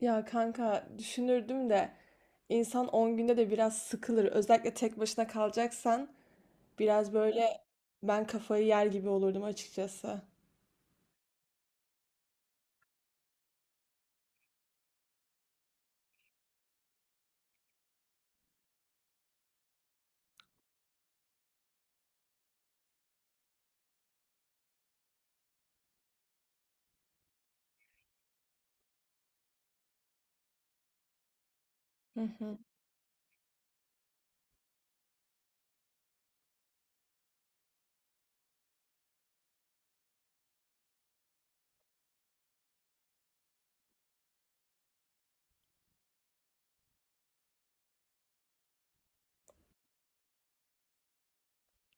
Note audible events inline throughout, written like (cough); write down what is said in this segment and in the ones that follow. Ya kanka düşünürdüm de insan 10 günde de biraz sıkılır. Özellikle tek başına kalacaksan biraz böyle ben kafayı yer gibi olurdum açıkçası. Hı hı.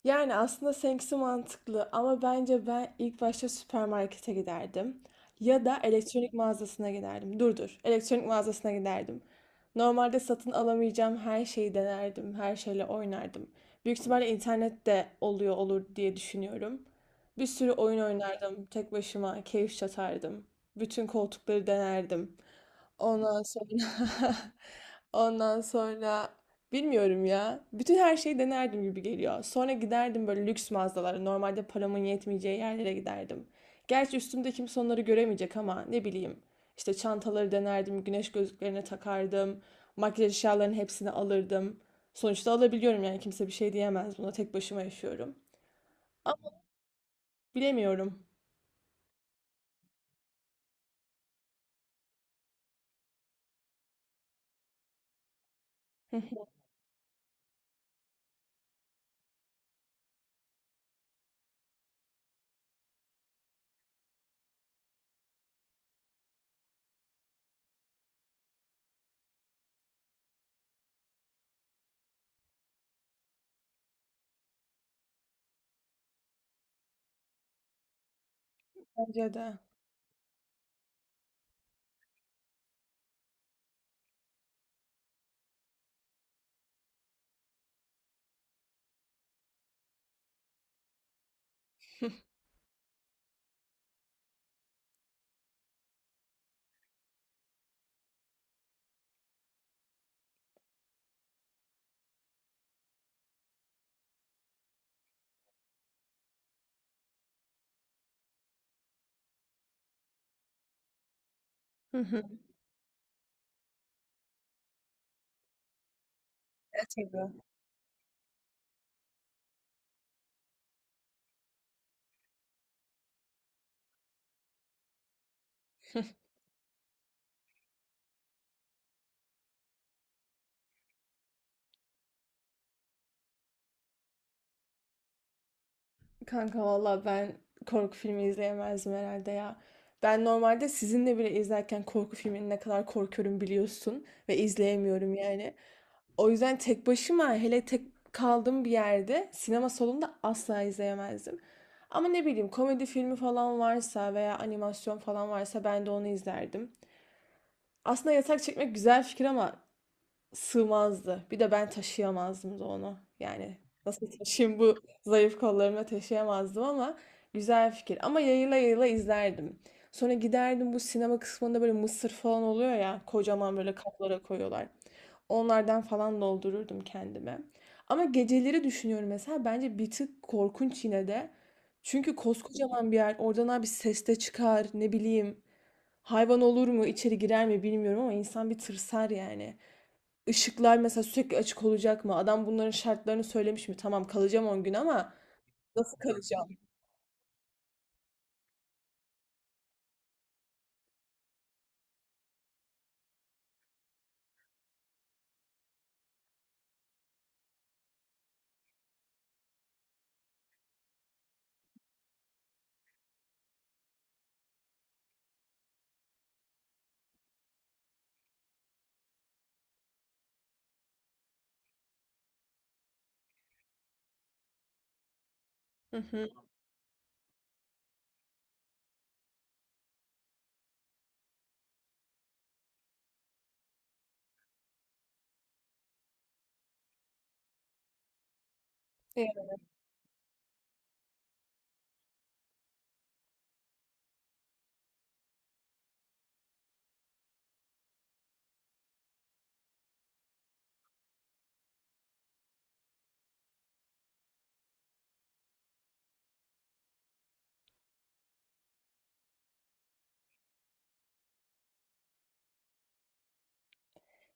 Yani aslında seninkisi mantıklı ama bence ben ilk başta süpermarkete giderdim. Ya da elektronik mağazasına giderdim. Dur dur, elektronik mağazasına giderdim. Normalde satın alamayacağım her şeyi denerdim, her şeyle oynardım. Büyük ihtimalle internette oluyor olur diye düşünüyorum. Bir sürü oyun oynardım, tek başıma keyif çatardım. Bütün koltukları denerdim. Ondan sonra (laughs) ondan sonra bilmiyorum ya. Bütün her şeyi denerdim gibi geliyor. Sonra giderdim böyle lüks mağazalara. Normalde paramın yetmeyeceği yerlere giderdim. Gerçi üstümde kimse onları göremeyecek ama ne bileyim. İşte çantaları denerdim, güneş gözlüklerine takardım. Makyaj eşyalarının hepsini alırdım. Sonuçta alabiliyorum yani kimse bir şey diyemez buna. Tek başıma yaşıyorum. Ama bilemiyorum. (laughs) Bence de. (laughs) E tabii. Kanka valla ben korku filmi izleyemezdim herhalde ya. Ben normalde sizinle bile izlerken korku filmini ne kadar korkuyorum biliyorsun ve izleyemiyorum yani. O yüzden tek başıma hele tek kaldığım bir yerde sinema salonunda asla izleyemezdim. Ama ne bileyim komedi filmi falan varsa veya animasyon falan varsa ben de onu izlerdim. Aslında yatak çekmek güzel fikir ama sığmazdı. Bir de ben taşıyamazdım da onu. Yani nasıl taşıyayım bu zayıf kollarımla taşıyamazdım ama güzel fikir. Ama yayıla yayıla izlerdim. Sonra giderdim bu sinema kısmında böyle mısır falan oluyor ya kocaman böyle kaplara koyuyorlar. Onlardan falan doldururdum kendime. Ama geceleri düşünüyorum mesela bence bir tık korkunç yine de. Çünkü koskocaman bir yer oradan abi ses de çıkar ne bileyim hayvan olur mu içeri girer mi bilmiyorum ama insan bir tırsar yani. Işıklar mesela sürekli açık olacak mı? Adam bunların şartlarını söylemiş mi? Tamam kalacağım 10 gün ama nasıl kalacağım? Hı hı.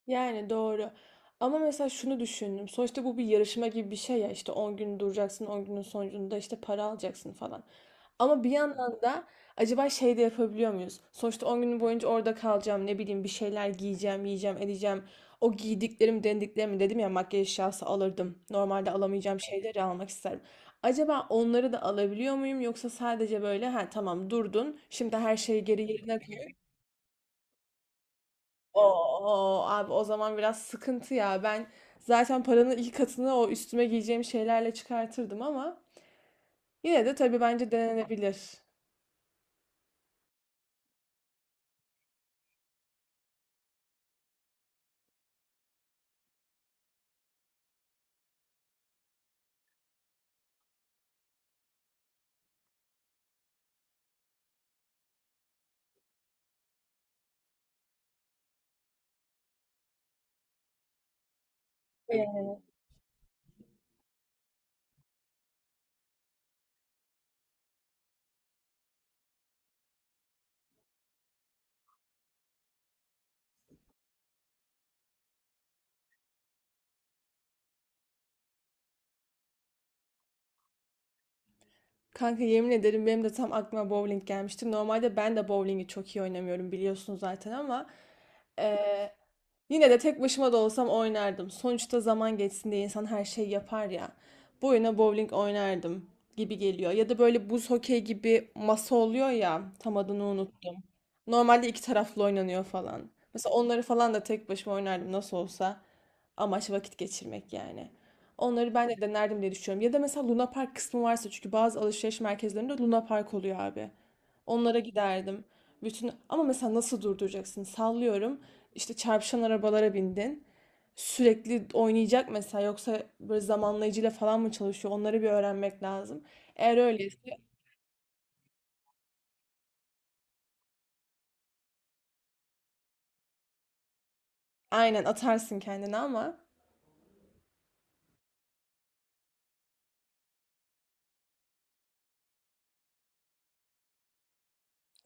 Yani doğru. Ama mesela şunu düşündüm. Sonuçta bu bir yarışma gibi bir şey ya. İşte 10 gün duracaksın, 10 günün sonucunda işte para alacaksın falan. Ama bir yandan da acaba şey de yapabiliyor muyuz? Sonuçta 10 gün boyunca orada kalacağım, ne bileyim bir şeyler giyeceğim, yiyeceğim, edeceğim. O giydiklerim, denediklerimi dedim ya makyaj eşyası alırdım. Normalde alamayacağım şeyleri almak isterim. Acaba onları da alabiliyor muyum yoksa sadece böyle ha tamam durdun, şimdi her şeyi geri yerine koy. Oo abi o zaman biraz sıkıntı ya. Ben zaten paranın iki katını o üstüme giyeceğim şeylerle çıkartırdım ama yine de tabii bence denenebilir. Kanka yemin ederim benim de tam aklıma bowling gelmişti. Normalde ben de bowlingi çok iyi oynamıyorum biliyorsunuz zaten ama eee, yine de tek başıma da olsam oynardım. Sonuçta zaman geçsin diye insan her şeyi yapar ya. Bu oyuna bowling oynardım gibi geliyor. Ya da böyle buz hokey gibi masa oluyor ya tam adını unuttum. Normalde iki taraflı oynanıyor falan. Mesela onları falan da tek başıma oynardım nasıl olsa. Amaç vakit geçirmek yani. Onları ben de denerdim diye düşünüyorum. Ya da mesela Luna Park kısmı varsa çünkü bazı alışveriş merkezlerinde Luna Park oluyor abi. Onlara giderdim. Bütün ama mesela nasıl durduracaksın? Sallıyorum. İşte çarpışan arabalara bindin. Sürekli oynayacak mesela yoksa böyle zamanlayıcıyla falan mı çalışıyor? Onları bir öğrenmek lazım. Eğer öyleyse aynen atarsın kendini ama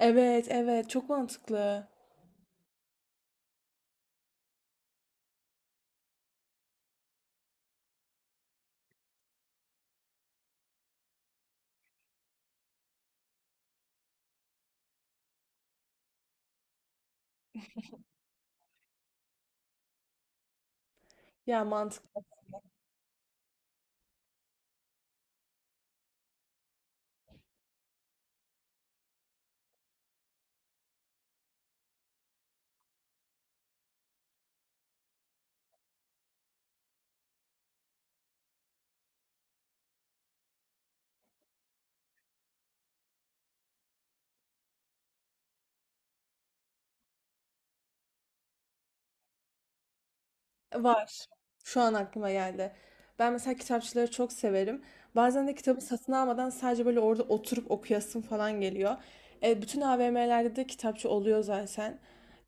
evet evet çok mantıklı. Ya mantıklı. Var. Şu an aklıma geldi. Ben mesela kitapçıları çok severim. Bazen de kitabı satın almadan sadece böyle orada oturup okuyasım falan geliyor. E, bütün AVM'lerde de kitapçı oluyor zaten.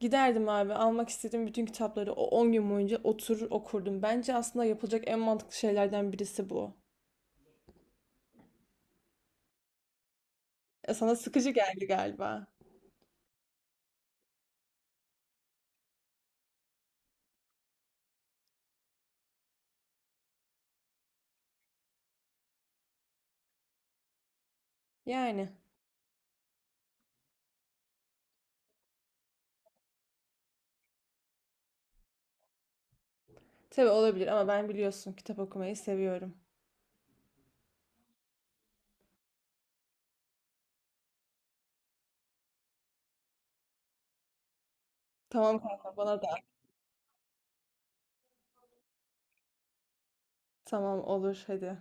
Giderdim abi almak istediğim bütün kitapları o 10 gün boyunca oturur okurdum. Bence aslında yapılacak en mantıklı şeylerden birisi bu. E, sana sıkıcı geldi galiba. Yani. Tabii olabilir ama ben biliyorsun kitap okumayı seviyorum. Tamam kanka bana da. Tamam olur hadi.